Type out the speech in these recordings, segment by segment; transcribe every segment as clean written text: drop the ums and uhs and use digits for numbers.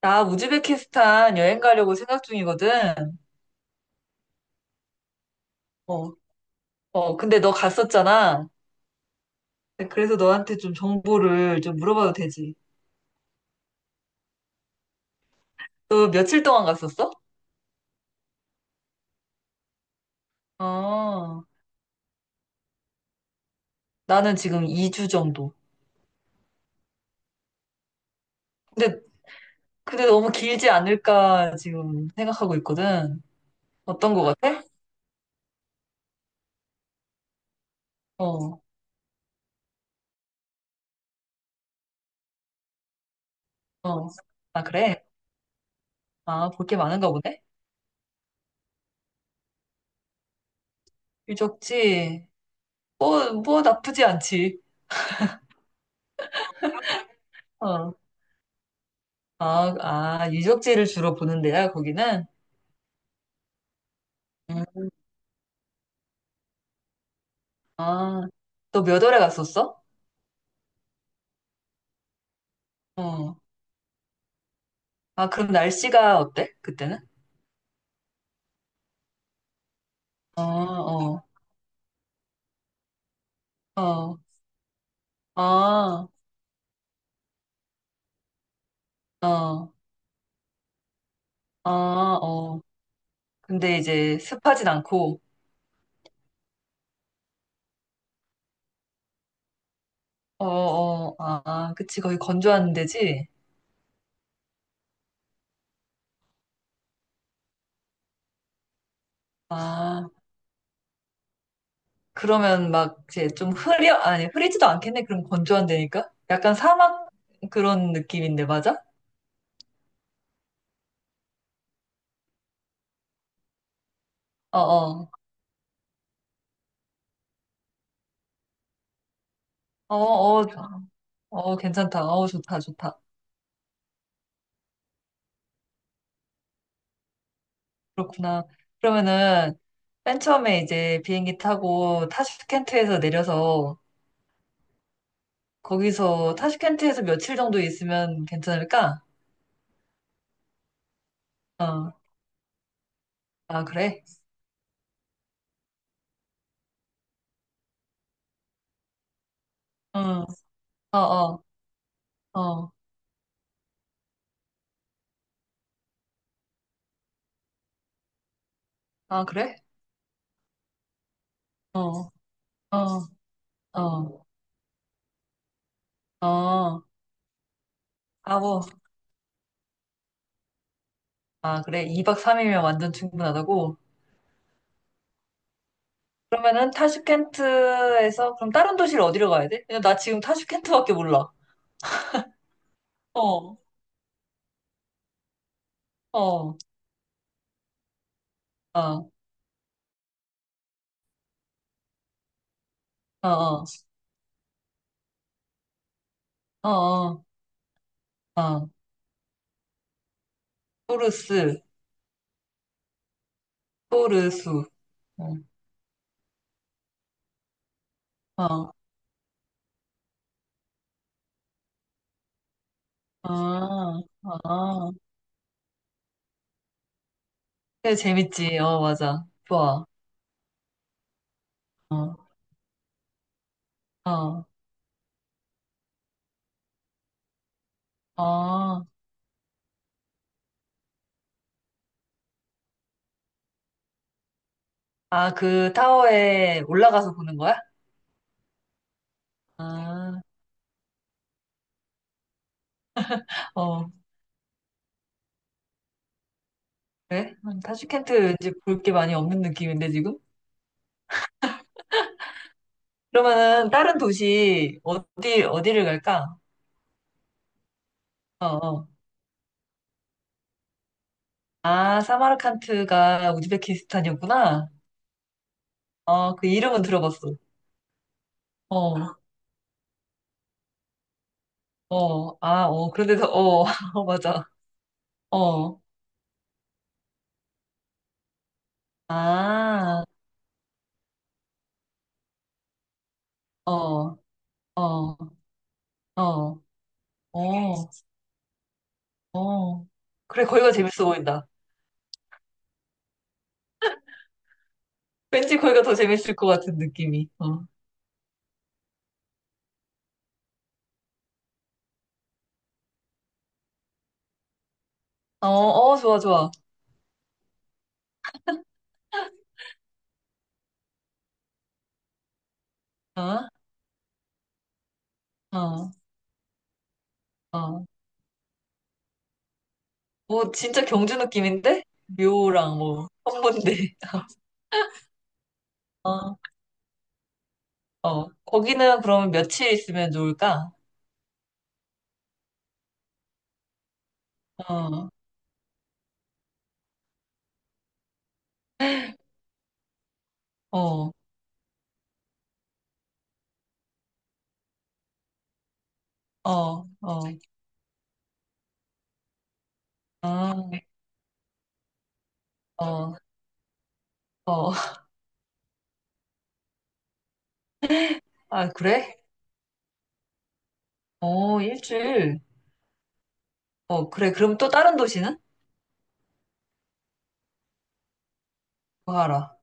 나 우즈베키스탄 여행 가려고 생각 중이거든. 어, 어, 근데 너 갔었잖아. 네, 그래서 너한테 좀 정보를 좀 물어봐도 되지. 너 며칠 동안 갔었어? 아, 나는 지금 2주 정도. 근데, 근데 너무 길지 않을까 지금 생각하고 있거든. 어떤 거 같아? 어, 어. 아, 그래? 아, 볼 게 많은가 보네? 유적지. 뭐 나쁘지 않지. 어. 아, 아, 유적지를 주로 보는 데야, 거기는? 음. 아, 너 몇 월에 갔었어? 어. 아, 그럼 날씨가 어때? 그때는? 어, 어, 어, 아, 어, 아, 어. 근데 이제 습하진 않고, 어, 어, 아, 아, 그치. 거의 건조한 데지? 아, 그러면 막 이제 좀 흐려, 아니, 흐리지도 않겠네. 그럼 건조한 데니까? 약간 사막 그런 느낌인데, 맞아? 어, 어, 어, 어, 어, 괜찮다. 어, 좋다, 좋다. 그렇구나. 그러면은 맨 처음에 이제 비행기 타고 타슈켄트에서 내려서 거기서 타슈켄트에서 며칠 정도 있으면 괜찮을까? 어. 아, 그래? 어. 어, 어. 어. 아, 그래? 어. 어. 어. 어. 아, 뭐. 아, 그래. 2박 3일이면 완전 충분하다고. 그러면은 타슈켄트에서 그럼 다른 도시를 어디로 가야 돼? 그냥 나 지금 타슈켄트밖에 몰라. 어. 어. 어. 어. 어. 어. 어. 어. 어. 토르스. 토르수. 어, 어, 아, 아. 그래, 재밌지. 어, 맞아. 좋아. 어, 어, 어. 아, 그 타워에 올라가서 보는 거야? 아, 어, 그래? 타슈켄트 이제 볼 게 많이 없는 느낌인데, 지금? 그러면은 다른 도시, 어디를 갈까? 어, 어. 아, 사마르칸트가 우즈베키스탄이었구나. 어, 그 이름은 들어봤어. 어, 어, 아, 어, 그런데서, 어, 어, 맞아. 어, 아. 어, 어, 어, 어, 어. 그래, 거기가 재밌어 보인다. 왠지 거기가 더 재밌을 것 같은 느낌이. 어, 어, 어, 좋아, 좋아. 어, 어, 어. 뭐, 진짜 경주 느낌인데? 묘랑 뭐, 헌문대. 어, 어. 거기는 그러면 며칠 있으면 좋을까? 어, 어, 어, 어, 어, 어, 어. 아, 그래? 어, 일주일. 어, 그래. 그럼 또 다른 도시는? 뭐하라.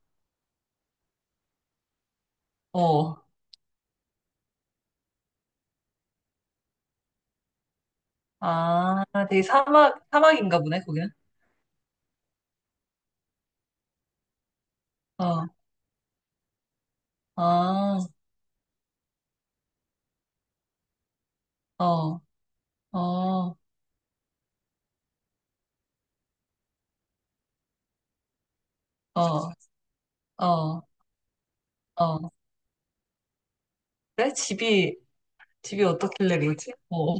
어. 아, 되게 사막, 사막인가 보네, 거기는. 어, 아, 어, 어, 어, 어, 어. 그래? 집이, 집이 어떻길래 그러지? 어,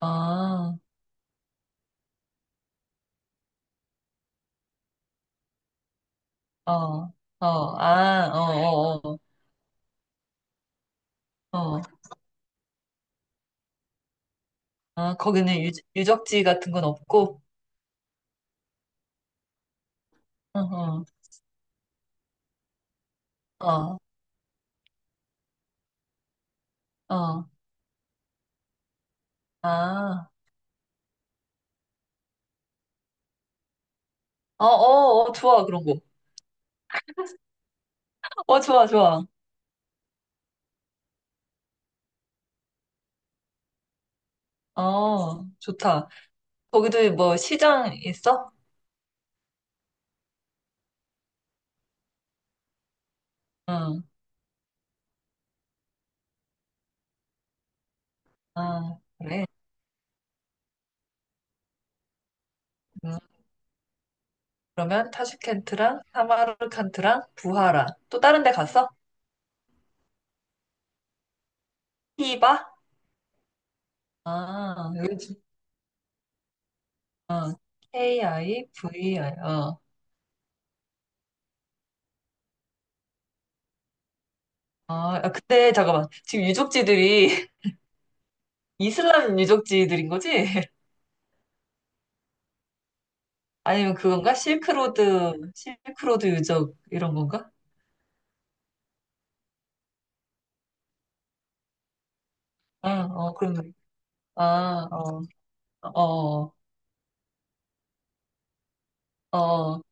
어. 아, 어, 어, 아, 어, 어, 어, 어. 아, 거기는 유, 유적지 같은 건 없고, 어, 어, 어, 어, 아, 어, 어, 어, 좋아, 그런 거. 어, 좋아, 좋아. 어, 좋다. 거기도 뭐 시장 있어? 응, 아, 그래. 음. 그러면 타슈켄트랑 사마르칸트랑 부하라 또 다른 데 갔어? 히바? 아, 여기 지- 어, KIVI. 어. 아, 아, 근데 잠깐만. 지금 유적지들이 이슬람 유적지들인 거지? 아니면 그건가? 실크로드 유적 이런 건가? 어, 어, 그거 아, 어, 어, 어.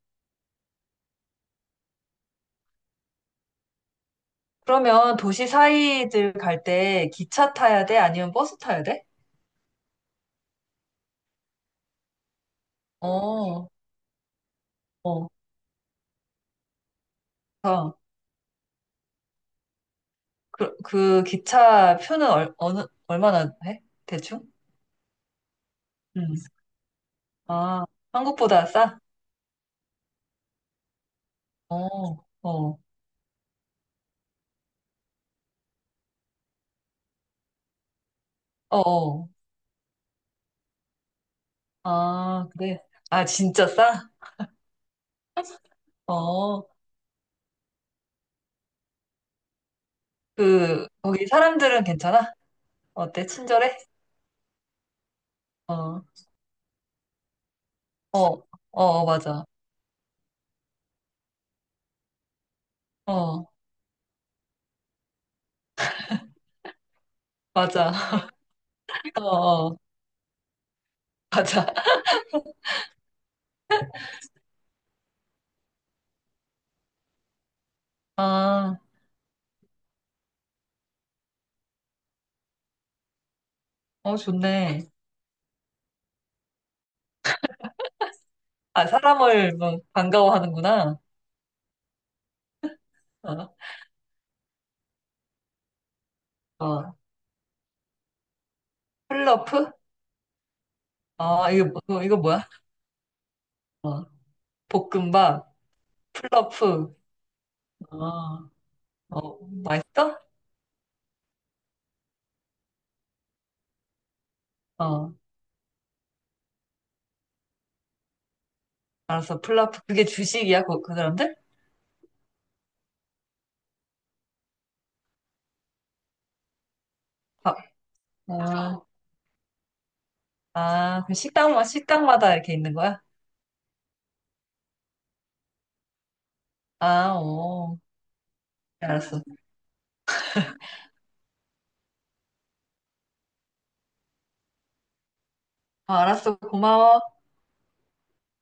그러면 도시 사이들 갈 때 기차 타야 돼? 아니면 버스 타야 돼? 어, 어. 어. 그, 그 기차 표는 얼, 어느, 얼마나 해? 대충? 응. 아, 한국보다 싸? 어, 어, 어, 어. 아, 그래. 아, 진짜 싸? 어, 그, 거기 사람들은 괜찮아? 어때? 친절해? 어, 어, 어, 어, 맞아. 어, 맞아. 어, 어, 맞아. 아, 어, 좋네. 아, 사람을 뭐 반가워하는구나. 어, 어. 플러프? 아, 이거, 뭐- 이거 뭐야? 어, 볶음밥, 플러프. 아, 어, 맛있어? 어, 알았어. 플라프, 그게 주식이야, 그, 그 사람들? 아, 아, 아, 그 식당마, 식당마다 이렇게 있는 거야? 아, 오, 알았어. 아, 알았어. 고마워.